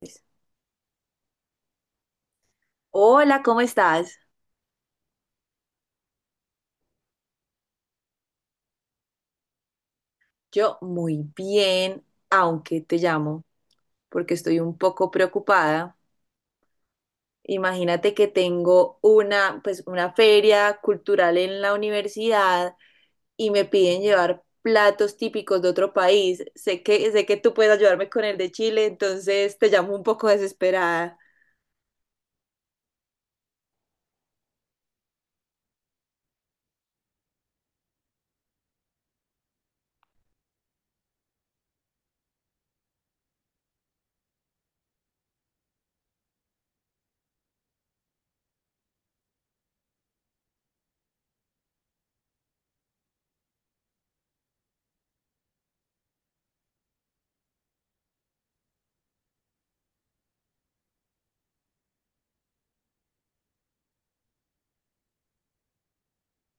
Pues, hola, ¿cómo estás? Yo muy bien, aunque te llamo porque estoy un poco preocupada. Imagínate que tengo una, pues, una feria cultural en la universidad y me piden llevar platos típicos de otro país. Sé que tú puedes ayudarme con el de Chile, entonces te llamo un poco desesperada.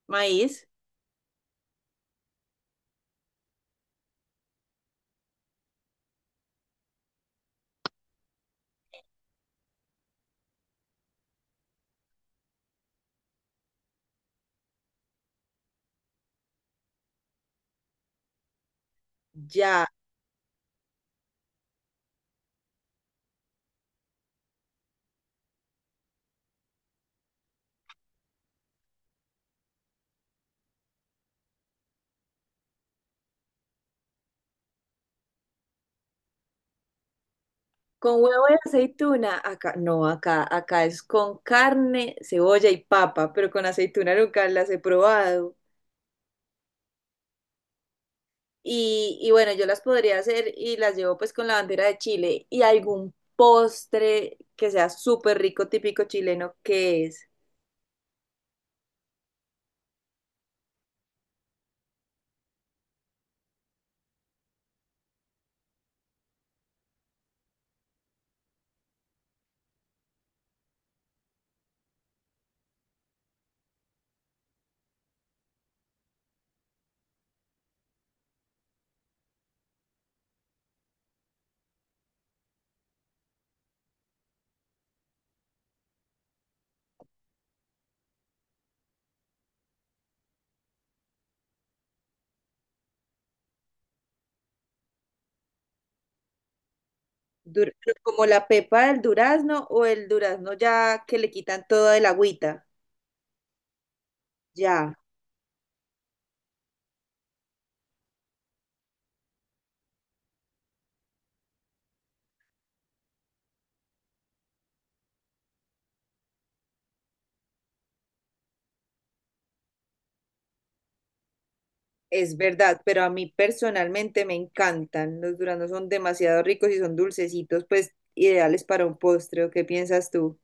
Maíz, ya. Con huevo y aceituna, acá, no, acá es con carne, cebolla y papa, pero con aceituna nunca las he probado. Y bueno, yo las podría hacer y las llevo pues con la bandera de Chile y algún postre que sea súper rico, típico chileno, que es dur- como la pepa del durazno o el durazno ya que le quitan toda el agüita, ya. Es verdad, pero a mí personalmente me encantan. Los duraznos son demasiado ricos y son dulcecitos, pues ideales para un postre. ¿O qué piensas tú?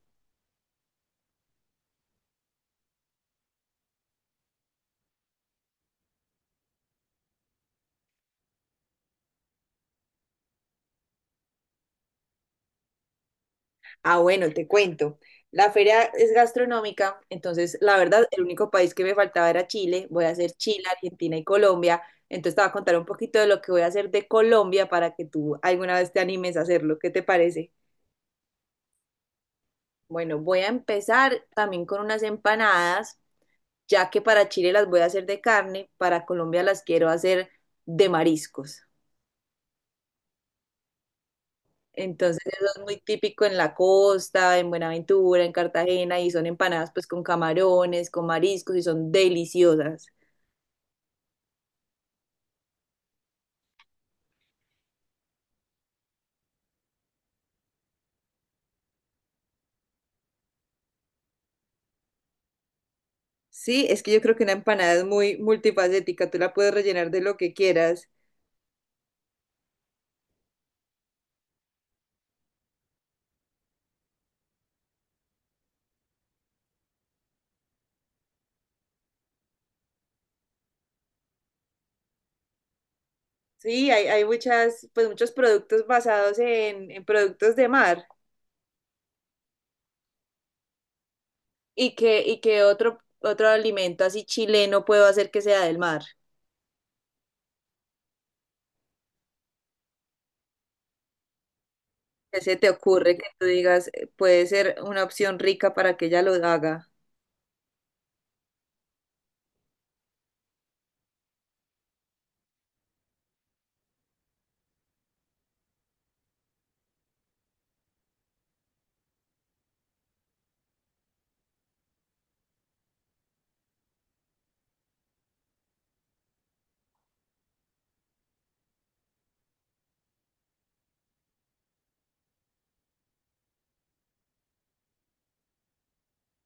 Ah, bueno, te cuento. La feria es gastronómica, entonces la verdad, el único país que me faltaba era Chile. Voy a hacer Chile, Argentina y Colombia. Entonces te voy a contar un poquito de lo que voy a hacer de Colombia para que tú alguna vez te animes a hacerlo. ¿Qué te parece? Bueno, voy a empezar también con unas empanadas, ya que para Chile las voy a hacer de carne, para Colombia las quiero hacer de mariscos. Entonces eso es muy típico en la costa, en Buenaventura, en Cartagena, y son empanadas pues con camarones, con mariscos, y son deliciosas. Sí, es que yo creo que una empanada es muy multifacética, tú la puedes rellenar de lo que quieras. Sí, hay muchas, pues muchos productos basados en productos de mar. Y que otro alimento así chileno puedo hacer que sea del mar? ¿Qué se te ocurre que tú digas, puede ser una opción rica para que ella lo haga?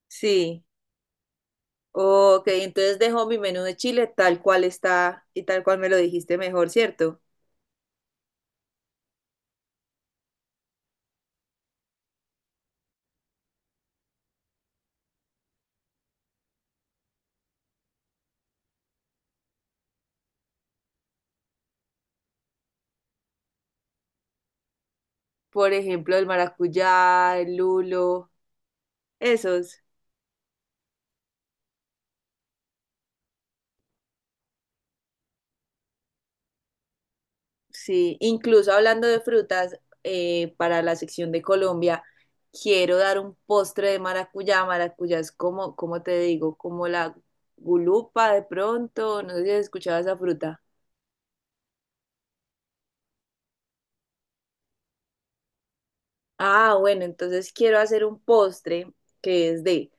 Sí. Ok, entonces dejo mi menú de chile tal cual está y tal cual me lo dijiste mejor, ¿cierto? Por ejemplo, el maracuyá, el lulo, esos. Sí, incluso hablando de frutas, para la sección de Colombia, quiero dar un postre de maracuyá. Maracuyá es como, ¿cómo te digo? Como la gulupa de pronto, no sé si has escuchado esa fruta. Ah, bueno, entonces quiero hacer un postre que es de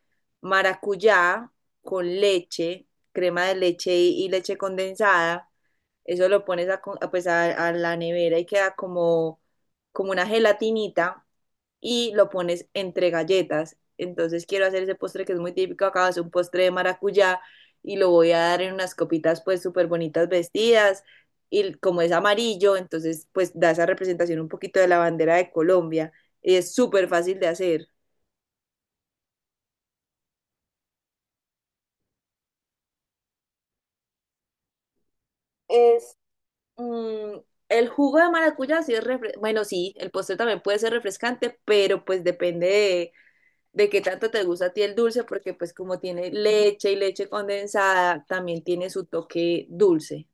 maracuyá con leche, crema de leche y leche condensada, eso lo pones a, co- a, pues a la nevera y queda como, como una gelatinita y lo pones entre galletas. Entonces quiero hacer ese postre que es muy típico acá, es un postre de maracuyá y lo voy a dar en unas copitas pues súper bonitas vestidas y como es amarillo, entonces pues da esa representación un poquito de la bandera de Colombia. Y es súper fácil de hacer. Es mm, el jugo de maracuyá, sí es bueno, sí, el postre también puede ser refrescante, pero pues depende de qué tanto te gusta a ti el dulce, porque pues como tiene leche y leche condensada, también tiene su toque dulce,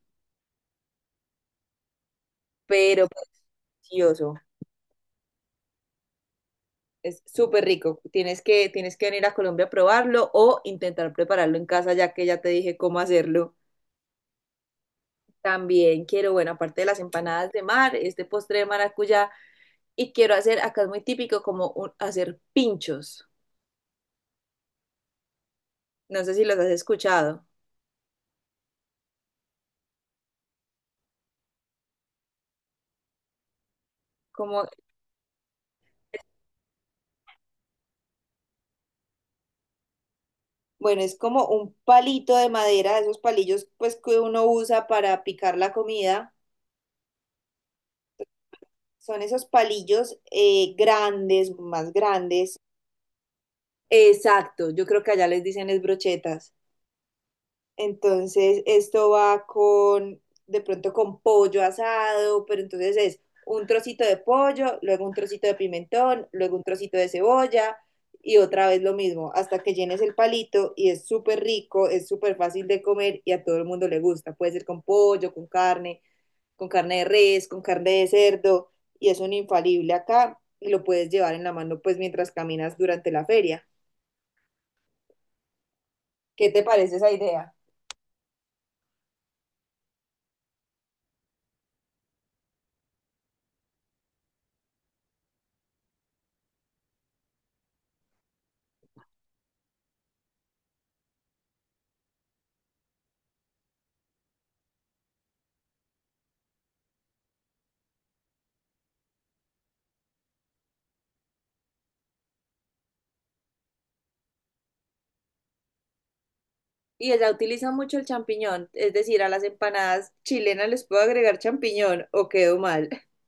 pero delicioso. Es súper rico. Tienes que venir a Colombia a probarlo o intentar prepararlo en casa, ya que ya te dije cómo hacerlo. También quiero, bueno, aparte de las empanadas de mar, este postre de maracuyá, y quiero hacer, acá es muy típico, hacer pinchos. No sé si los has escuchado. Como bueno, es como un palito de madera, esos palillos pues que uno usa para picar la comida. Son esos palillos grandes, más grandes. Exacto, yo creo que allá les dicen es brochetas. Entonces, esto va con, de pronto con pollo asado, pero entonces es un trocito de pollo, luego un trocito de pimentón, luego un trocito de cebolla y otra vez lo mismo, hasta que llenes el palito y es súper rico, es súper fácil de comer y a todo el mundo le gusta. Puede ser con pollo, con carne de res, con carne de cerdo y es un infalible acá y lo puedes llevar en la mano pues mientras caminas durante la feria. ¿Qué te parece esa idea? Y ella utiliza mucho el champiñón, es decir, a las empanadas chilenas les puedo agregar champiñón o quedo mal,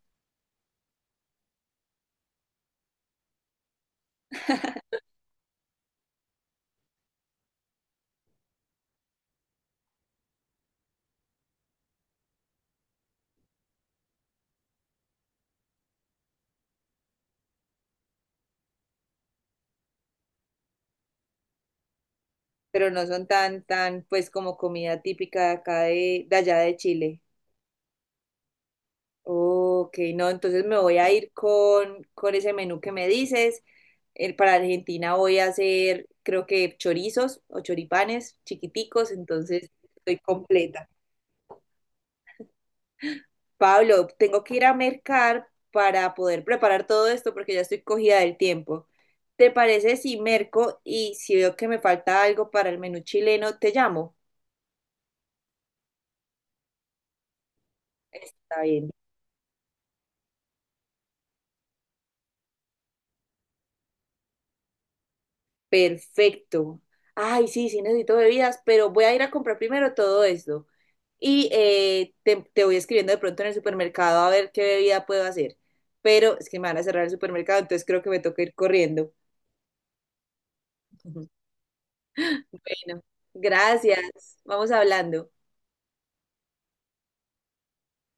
pero no son tan, pues como comida típica de acá de allá de Chile. Ok, no, entonces me voy a ir con ese menú que me dices. Para Argentina voy a hacer, creo que chorizos o choripanes chiquiticos, entonces estoy completa. Pablo, tengo que ir a mercar para poder preparar todo esto porque ya estoy cogida del tiempo. ¿Te parece si merco y si veo que me falta algo para el menú chileno, te llamo? Está bien. Perfecto. Ay, sí, sí necesito bebidas, pero voy a ir a comprar primero todo esto. Y te voy escribiendo de pronto en el supermercado a ver qué bebida puedo hacer. Pero es que me van a cerrar el supermercado, entonces creo que me toca ir corriendo. Bueno, gracias. Vamos hablando.